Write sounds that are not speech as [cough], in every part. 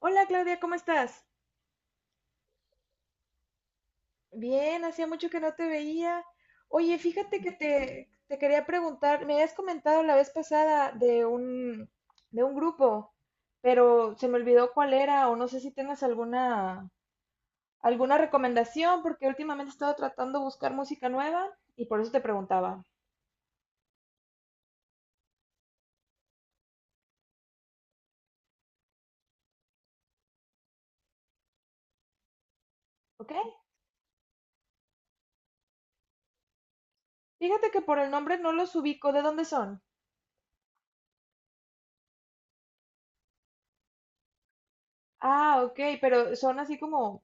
Hola Claudia, ¿cómo estás? Bien, hacía mucho que no te veía. Oye, fíjate que te quería preguntar, me habías comentado la vez pasada de un grupo, pero se me olvidó cuál era o no sé si tengas alguna, alguna recomendación porque últimamente he estado tratando de buscar música nueva y por eso te preguntaba, ¿ok? Fíjate que por el nombre no los ubico, ¿de dónde son? Ah, ok, pero son así como,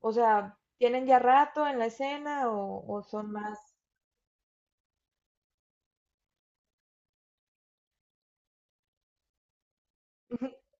o sea, ¿tienen ya rato en la escena o son más? [laughs]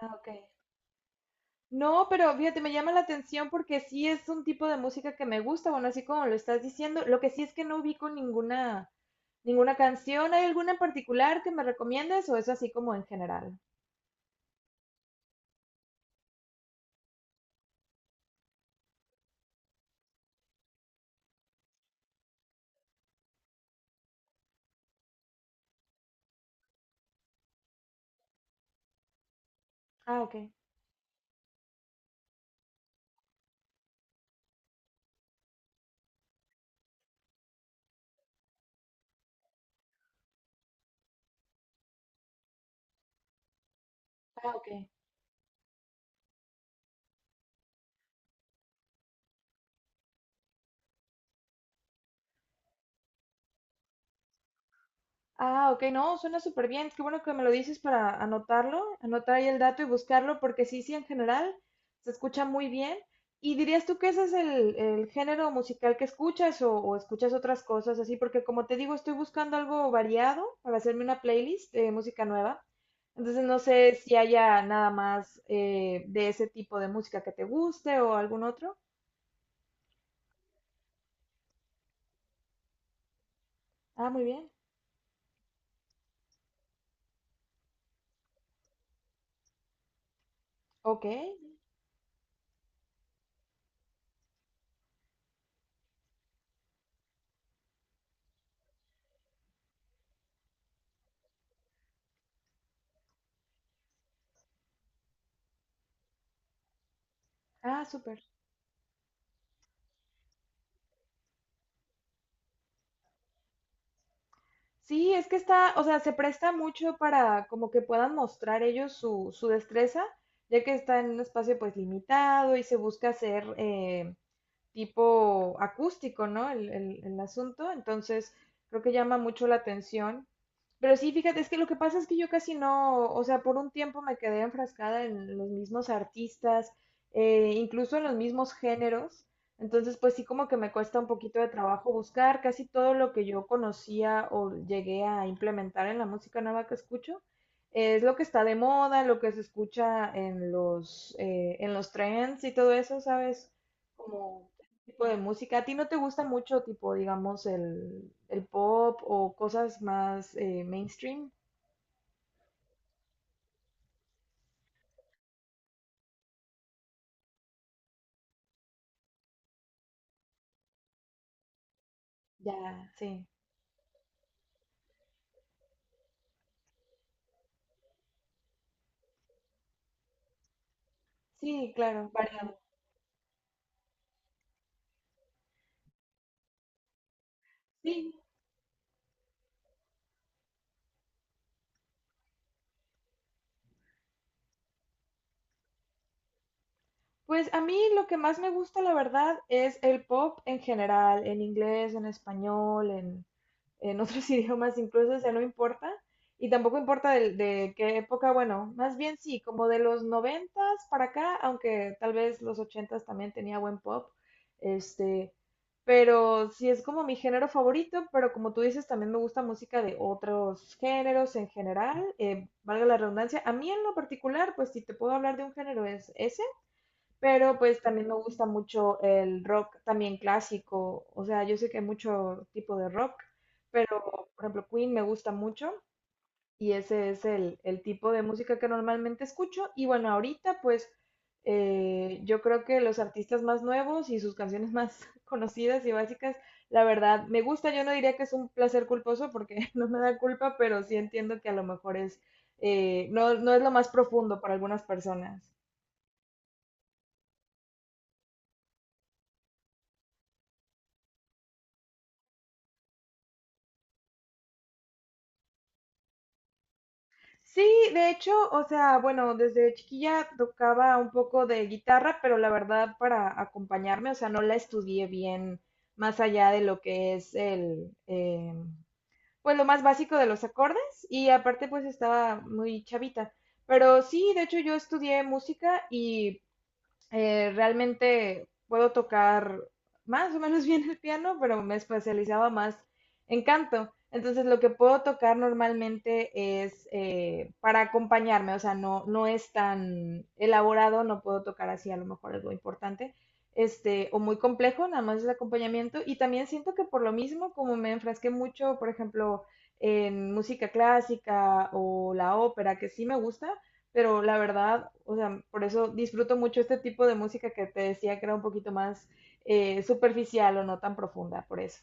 Ah, ok. No, pero fíjate, me llama la atención porque sí es un tipo de música que me gusta, bueno, así como lo estás diciendo. Lo que sí es que no ubico ninguna, ninguna canción. ¿Hay alguna en particular que me recomiendes o es así como en general? Ah, ok. Ah, ok. Ah, ok, no, suena súper bien. Qué bueno que me lo dices para anotarlo, anotar ahí el dato y buscarlo, porque sí, sí, en general se escucha muy bien. ¿Y dirías tú que ese es el género musical que escuchas o escuchas otras cosas así? Porque como te digo, estoy buscando algo variado para hacerme una playlist de música nueva. Entonces no sé si haya nada más de ese tipo de música que te guste o algún otro. Ah, muy bien. Ok. Ah, súper. Sí, es que está, o sea, se presta mucho para como que puedan mostrar ellos su, su destreza, ya que está en un espacio pues limitado y se busca hacer tipo acústico, ¿no? El asunto, entonces creo que llama mucho la atención. Pero sí, fíjate, es que lo que pasa es que yo casi no, o sea, por un tiempo me quedé enfrascada en los mismos artistas, incluso en los mismos géneros. Entonces, pues sí, como que me cuesta un poquito de trabajo buscar casi todo lo que yo conocía o llegué a implementar en la música nueva que escucho. Es lo que está de moda, lo que se escucha en los trends y todo eso, ¿sabes? ¿Como tipo de música? ¿A ti no te gusta mucho, tipo, digamos, el pop o cosas más mainstream? Ya, sí. Sí, claro, variado. Sí. Pues a mí lo que más me gusta, la verdad, es el pop en general, en inglés, en español, en otros [laughs] idiomas incluso, o sea, no importa. Y tampoco importa de qué época, bueno, más bien sí, como de los noventas para acá, aunque tal vez los ochentas también tenía buen pop, este, pero sí es como mi género favorito, pero como tú dices, también me gusta música de otros géneros en general, valga la redundancia. A mí en lo particular, pues si te puedo hablar de un género es ese. Pero pues también me gusta mucho el rock también clásico. O sea, yo sé que hay mucho tipo de rock, pero por ejemplo Queen me gusta mucho y ese es el tipo de música que normalmente escucho. Y bueno, ahorita pues yo creo que los artistas más nuevos y sus canciones más [laughs] conocidas y básicas, la verdad, me gusta. Yo no diría que es un placer culposo porque [laughs] no me da culpa, pero sí entiendo que a lo mejor es, no, no es lo más profundo para algunas personas. Sí, de hecho, o sea, bueno, desde chiquilla tocaba un poco de guitarra, pero la verdad para acompañarme, o sea, no la estudié bien más allá de lo que es el, pues lo más básico de los acordes y aparte pues estaba muy chavita. Pero sí, de hecho yo estudié música y realmente puedo tocar más o menos [laughs] bien el piano, pero me especializaba más en canto. Entonces lo que puedo tocar normalmente es para acompañarme, o sea, no, no es tan elaborado, no puedo tocar así a lo mejor algo importante, este, o muy complejo, nada más es acompañamiento. Y también siento que por lo mismo, como me enfrasqué mucho, por ejemplo, en música clásica o la ópera, que sí me gusta, pero la verdad, o sea, por eso disfruto mucho este tipo de música que te decía que era un poquito más superficial o no tan profunda, por eso.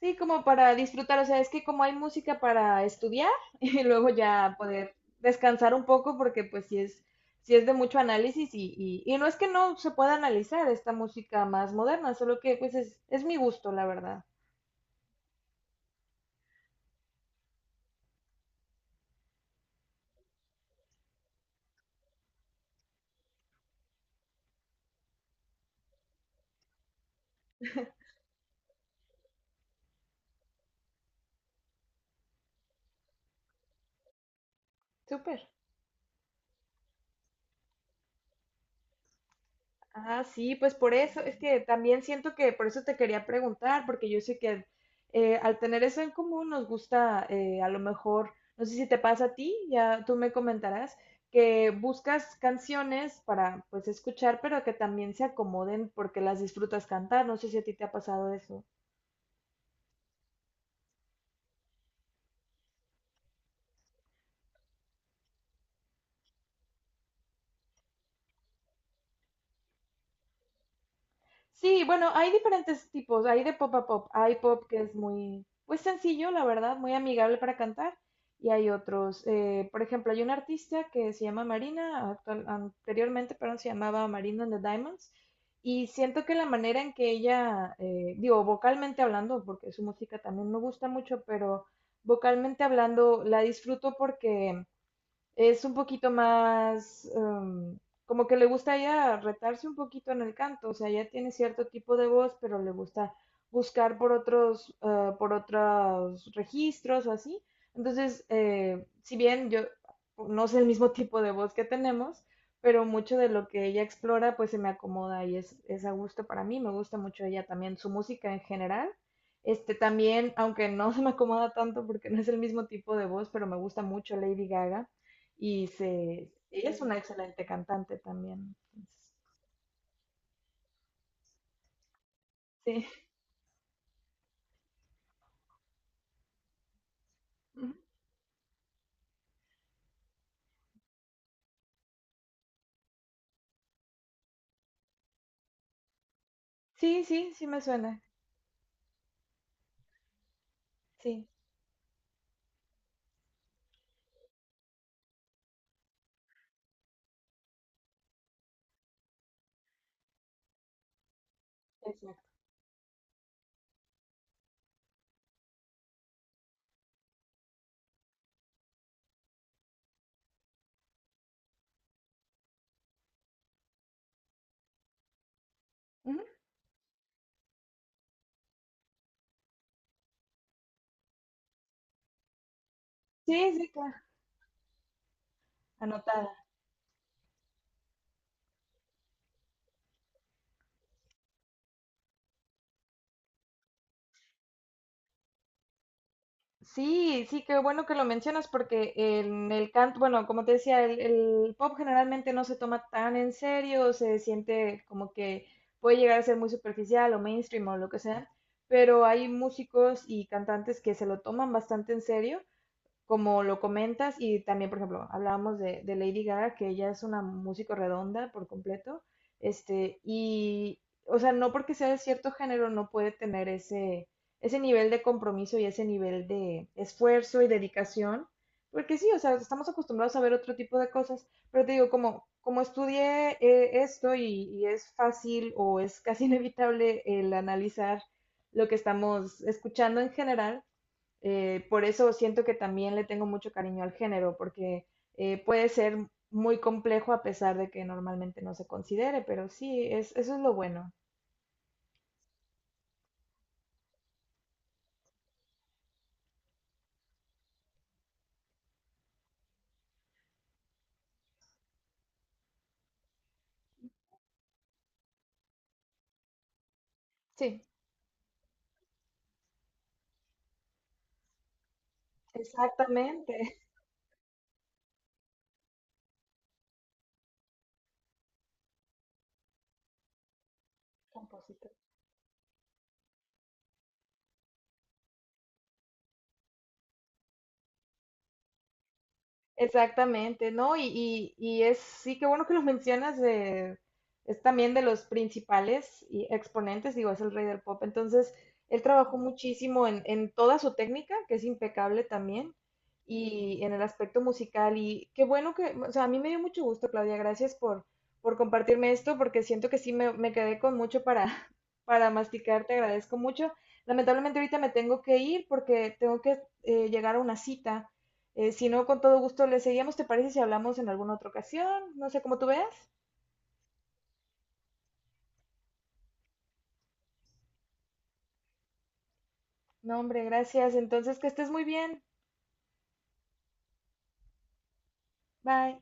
Sí, como para disfrutar, o sea, es que como hay música para estudiar [laughs] y luego ya poder descansar un poco porque pues sí es de mucho análisis y no es que no se pueda analizar esta música más moderna, solo que pues es mi gusto, la verdad. Súper. Ah, sí, pues por eso, es que también siento que por eso te quería preguntar, porque yo sé que al tener eso en común nos gusta, a lo mejor, no sé si te pasa a ti, ya tú me comentarás, que buscas canciones para pues escuchar, pero que también se acomoden porque las disfrutas cantar, no sé si a ti te ha pasado eso. Sí, bueno, hay diferentes tipos, hay de pop a pop. Hay pop que es muy, pues sencillo, la verdad, muy amigable para cantar. Y hay otros, por ejemplo, hay una artista que se llama Marina, anteriormente, perdón, se llamaba Marina and the Diamonds. Y siento que la manera en que ella, digo, vocalmente hablando, porque su música también me gusta mucho, pero vocalmente hablando la disfruto porque es un poquito más, como que le gusta ya retarse un poquito en el canto, o sea, ya tiene cierto tipo de voz, pero le gusta buscar por otros registros o así. Entonces, si bien yo no sé el mismo [laughs] tipo de voz que tenemos, pero mucho de lo que ella explora pues se me acomoda y es a gusto para mí, me gusta mucho ella también, su música en general. Este también, aunque no [laughs] se me acomoda tanto porque no es el mismo tipo de voz, pero me gusta mucho Lady Gaga y se, ella es una excelente cantante también. Entonces, sí. Ujú. Sí, sí, sí me suena. Sí, exacto. Ujú. Sí, sí, claro, anotada. Sí, sí, qué bueno que lo mencionas porque en el canto, bueno, como te decía, el pop generalmente no se toma tan en serio, se siente como que puede llegar a ser muy superficial o mainstream o lo que sea, pero hay músicos y cantantes que se lo toman bastante en serio como lo comentas, y también, por ejemplo, hablábamos de Lady Gaga, que ella es una músico redonda por completo, este, y, o sea, no porque sea de cierto género no puede tener ese, ese nivel de compromiso y ese nivel de esfuerzo y dedicación, porque sí, o sea, estamos acostumbrados a ver otro tipo de cosas, pero te digo, como, como estudié esto y es fácil o es casi [laughs] inevitable el analizar lo que estamos escuchando en general, por eso siento que también le tengo mucho cariño al género, porque puede ser muy complejo a pesar de que normalmente no se considere, pero sí, es, eso es lo bueno. Sí, exactamente. [laughs] Compositor. Exactamente, ¿no? Y es, sí, qué bueno que lo mencionas, es también de los principales y exponentes, digo, es el rey del pop. Entonces, él trabajó muchísimo en toda su técnica, que es impecable también, y en el aspecto musical. Y qué bueno que, o sea, a mí me dio mucho gusto, Claudia, gracias por compartirme esto, porque siento que sí me quedé con mucho para, [laughs] para masticar, te agradezco mucho. Lamentablemente ahorita me tengo que ir porque tengo que llegar a una cita. Si no, con todo gusto le seguimos. ¿Te parece si hablamos en alguna otra ocasión? No sé cómo tú veas. No, hombre, gracias. Entonces, que estés muy bien. Bye.